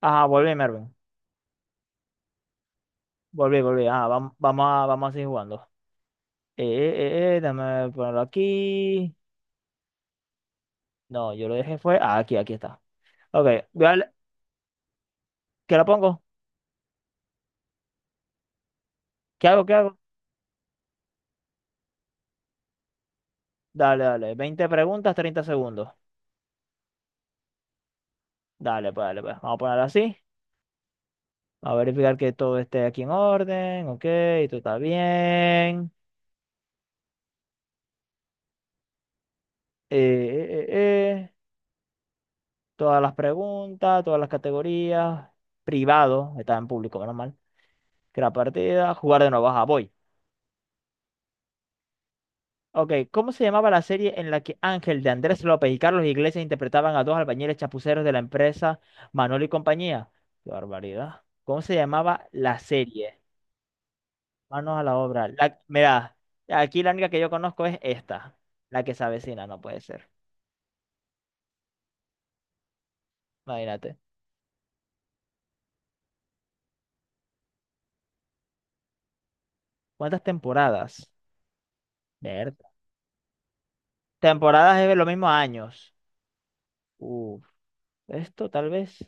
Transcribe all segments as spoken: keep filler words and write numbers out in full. Ah, volví, Mervin. Volví, volví. Ah, vam- vamos, a, vamos a seguir jugando. Eh, eh, eh, déjame ponerlo aquí. No, yo lo dejé fue. Ah, aquí, aquí está. Ok, voy a darle- ¿qué lo pongo? ¿Qué hago? ¿Qué hago? Dale, dale. Veinte preguntas, treinta segundos. Dale, pues, dale, pues. Vamos a ponerlo así. A verificar que todo esté aquí en orden. Ok, todo está bien. Eh, eh, eh, eh. Todas las preguntas, todas las categorías. Privado, está en público, menos mal. Crear partida, jugar de nuevo. Ajá, voy. Ok, ¿cómo se llamaba la serie en la que Ángel de Andrés López y Carlos Iglesias interpretaban a dos albañiles chapuceros de la empresa Manuel y compañía? Qué barbaridad. ¿Cómo se llamaba la serie? Manos a la obra. La, mira, aquí la única que yo conozco es esta, la que se avecina, no puede ser. Imagínate. ¿Cuántas temporadas? Ver. Temporadas es lo mismo a años. Uf, esto tal vez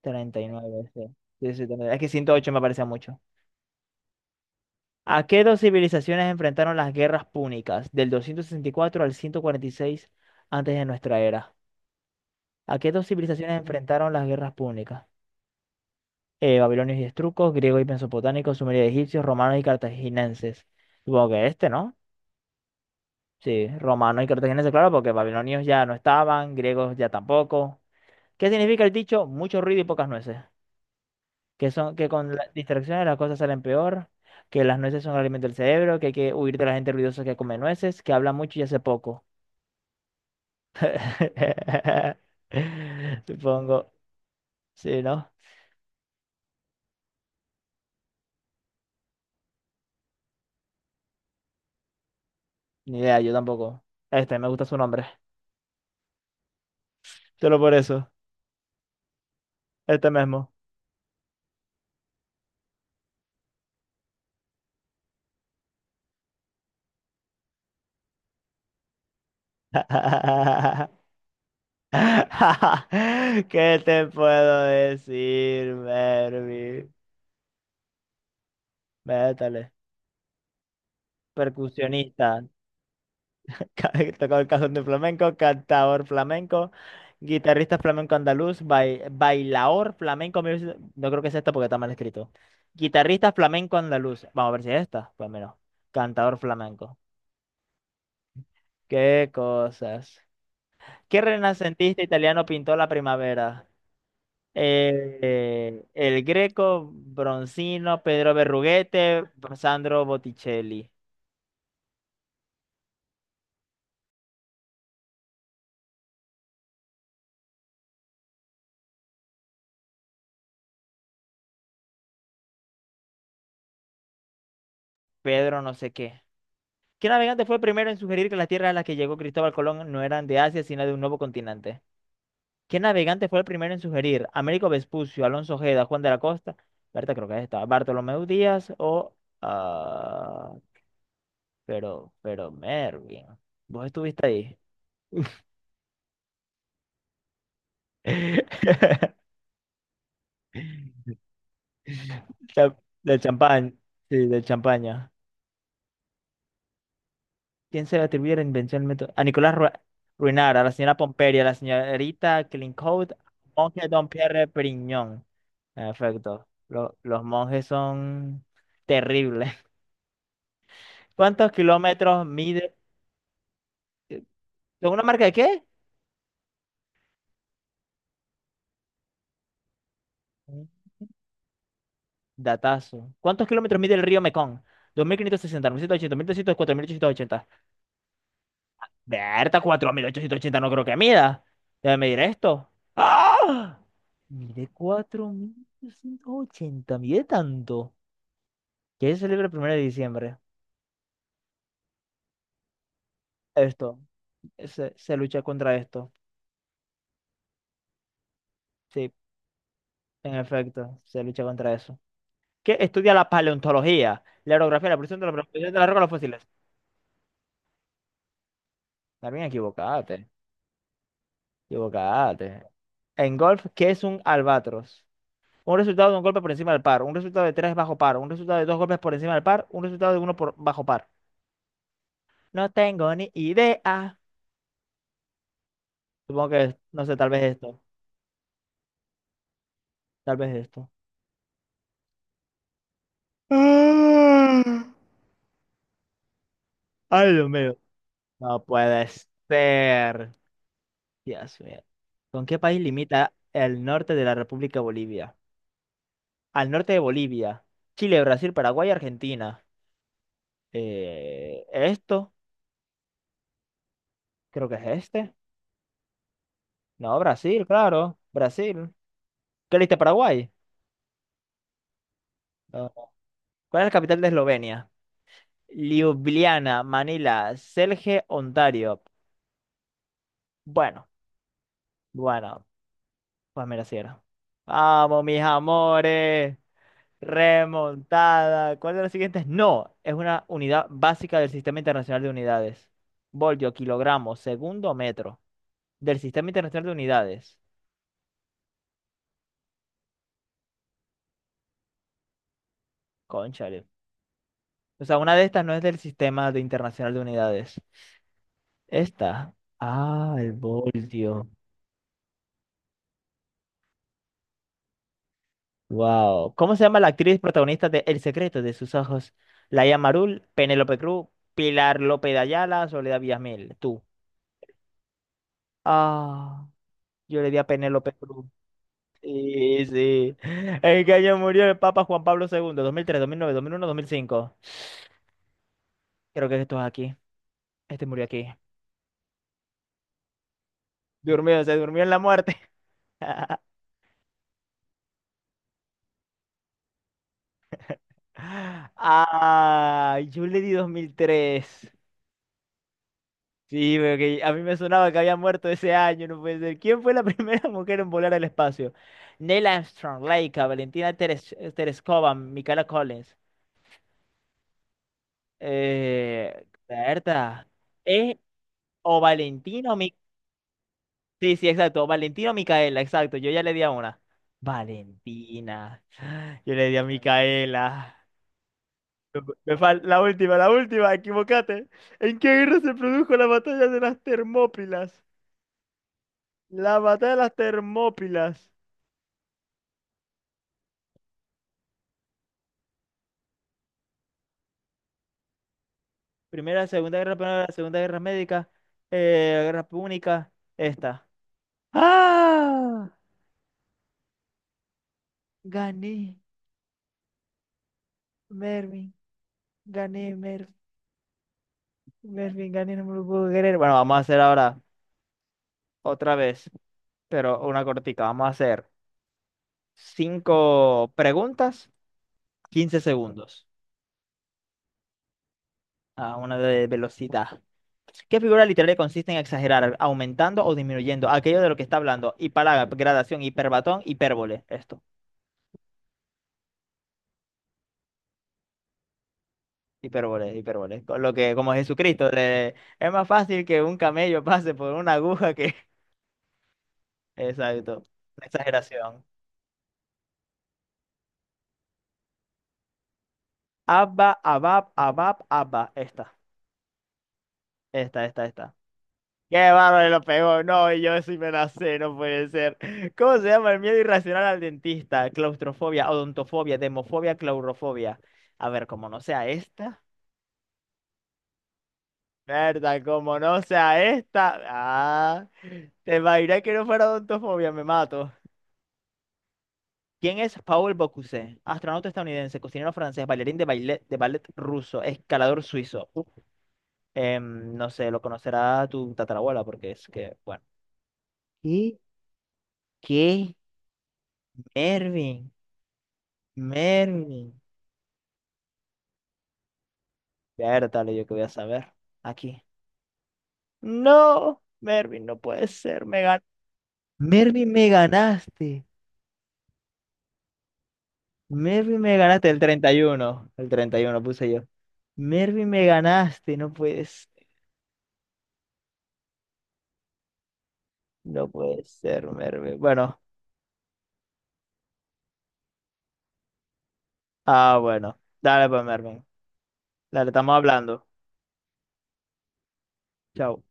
treinta y nueve, sí. Sí, sí, treinta y nueve. Es que ciento ocho me parece mucho. ¿A qué dos civilizaciones enfrentaron las guerras púnicas del doscientos sesenta y cuatro al ciento cuarenta y seis antes de nuestra era? ¿A qué dos civilizaciones enfrentaron las guerras púnicas? Eh, babilonios y estrucos, griegos y mesopotámicos, sumerios y egipcios, romanos y cartaginenses. Supongo que este, ¿no? Sí, romanos y cartaginenses, claro, porque babilonios ya no estaban, griegos ya tampoco. ¿Qué significa el dicho? Mucho ruido y pocas nueces. Que son, que con las distracciones las cosas salen peor que las nueces son el alimento del cerebro, que hay que huir de la gente ruidosa que come nueces, que habla mucho y hace poco. Supongo. Sí, ¿no? Ni idea, yo tampoco. Este, me gusta su nombre. Solo por eso. Este mismo. ¿Qué te puedo decir, Mervi? Métale. Percusionista. Ca- Tocó el cajón de flamenco, cantador flamenco, guitarrista flamenco andaluz, bai- bailaor flamenco. music- No creo que sea esta porque está mal escrito. Guitarrista flamenco andaluz. Vamos a ver si es esta. Pues menos. Cantador flamenco. Qué cosas. ¿Qué renacentista italiano pintó la primavera? Eh, el Greco, Bronzino, Pedro Berruguete, Sandro Botticelli, Pedro no sé qué. ¿Qué navegante fue el primero en sugerir que las tierras a las que llegó Cristóbal Colón no eran de Asia, sino de un nuevo continente? ¿Qué navegante fue el primero en sugerir? ¿Américo Vespucio, Alonso Ojeda, Juan de la Costa? Berta, creo que es esta. ¿Bartolomé Díaz o... ah, pero, pero, Mervin, vos estuviste ahí. Cha- Del champán, sí, del champaña. ¿Quién se le atribuye la invención del método? A Nicolás Ru- Ruinart, a la señora Pomperia, a la señorita Clincoat, monje Don Pierre Perignon. En efecto, lo- los monjes son terribles. ¿Cuántos kilómetros mide? ¿Son una marca de qué? Un datazo. ¿Cuántos kilómetros mide el río Mekong? Dos mil mil mil quinientos sesenta, mil setecientos ochenta, dos mil quinientos sesenta, mil setecientos ochenta, mil trescientos, cuatro mil ochocientos ochenta. Berta, cuatro mil ochocientos ochenta no creo que mida. Debe medir esto. ¡Ah! Miré cuatro mil doscientos ochenta, miré tanto. ¿Qué se celebra el primero de diciembre? Esto, se, se lucha contra esto. Sí, en efecto, se lucha contra eso. ¿Qué estudia la paleontología, la orografía, la presión de la protección de las rocas, los fósiles? También equivocate, equivocate. En golf, ¿qué es un albatros? Un resultado de un golpe por encima del par, un resultado de tres bajo par, un resultado de dos golpes por encima del par, un resultado de uno por bajo par. No tengo ni idea. Supongo que, no sé, tal vez esto, tal vez esto. Ah, ay, Dios mío. No puede ser. Dios mío. ¿Con qué país limita el norte de la República Bolivia? Al norte de Bolivia. Chile, Brasil, Paraguay, Argentina. Eh, ¿esto? Creo que es este. No, Brasil, claro. Brasil. ¿Qué leíste, Paraguay? No. ¿Cuál es la capital de Eslovenia? Ljubljana, Manila, Celje, Ontario. Bueno, bueno. Pues mira, si era. Vamos, mis amores. Remontada. ¿Cuál de los siguientes? No, es una unidad básica del Sistema Internacional de Unidades. Voltio, kilogramo, segundo, metro. Del Sistema Internacional de Unidades. Cónchale. O sea, una de estas no es del Sistema de Internacional de Unidades. Esta. Ah, el voltio. Wow. ¿Cómo se llama la actriz protagonista de El secreto de sus ojos? Laia Marul, Penélope Cruz, Pilar López de Ayala, Soledad Villamil. Tú. Ah, yo le di a Penélope Cruz. Sí, sí. ¿En qué año murió el Papa Juan Pablo segundo? dos mil tres, dos mil nueve, dos mil uno, dos mil cinco. Creo que esto es aquí. Este murió aquí. Durmió, se durmió en la muerte. Ah, yo le di dos mil tres. Sí, porque a mí me sonaba que había muerto ese año, no puede ser. ¿Quién fue la primera mujer en volar al espacio? Neil Armstrong, Laika, Valentina Teres- Tereskova, Michaela Collins. Eh, Berta. ¿Es o Valentina o Micaela? Sí, sí, exacto. Valentina o Micaela, exacto. Yo ya le di a una. Valentina. Yo le di a Micaela. Me fal- la última, la última, equivocate. ¿En qué guerra se produjo la batalla de las Termópilas? La batalla de las Termópilas. Primera, Segunda Guerra Primera, Segunda Guerra Médica, eh, Guerra Púnica, esta. ¡Ah! Gané, Mervin. Gané, Mer Mervin, gané, no me lo puedo creer. Bueno, vamos a hacer ahora otra vez. Pero una cortica. Vamos a hacer cinco preguntas, quince segundos. A una de velocidad. ¿Qué figura literaria consiste en exagerar, aumentando o disminuyendo aquello de lo que está hablando? Hipálaga, gradación, hiperbatón, hipérbole. Esto, hipérbole, hipérbole. Con lo que, como Jesucristo, le- es más fácil que un camello pase por una aguja que... Exacto, una exageración. Abba, abab, abab, abba. Esta, esta, esta, esta. Qué bárbaro, lo pegó. No, yo sí me la sé, no puede ser. ¿Cómo se llama el miedo irracional al dentista? Claustrofobia, odontofobia, demofobia, claurofobia. A ver, como no sea esta. Verdad, como no sea esta. Ah, te imaginas que no fuera odontofobia, me mato. ¿Quién es Paul Bocuse? Astronauta estadounidense, cocinero francés, bailarín de ballet, de ballet ruso, escalador suizo. Uf. Em, no sé, lo conocerá tu tatarabuela porque es que, bueno. ¿Y qué? Mervin. Mervin. Vértale, yo que voy a saber. Aquí. No, Mervin, no puede ser. Me gan... Mervin, me ganaste. Mervin, me ganaste el treinta y uno, el treinta y uno puse yo. Mervin, me ganaste. No puedes. No puede ser, Mervin. Bueno. Ah, bueno. Dale pues, Mervin. Dale, estamos hablando. Chao.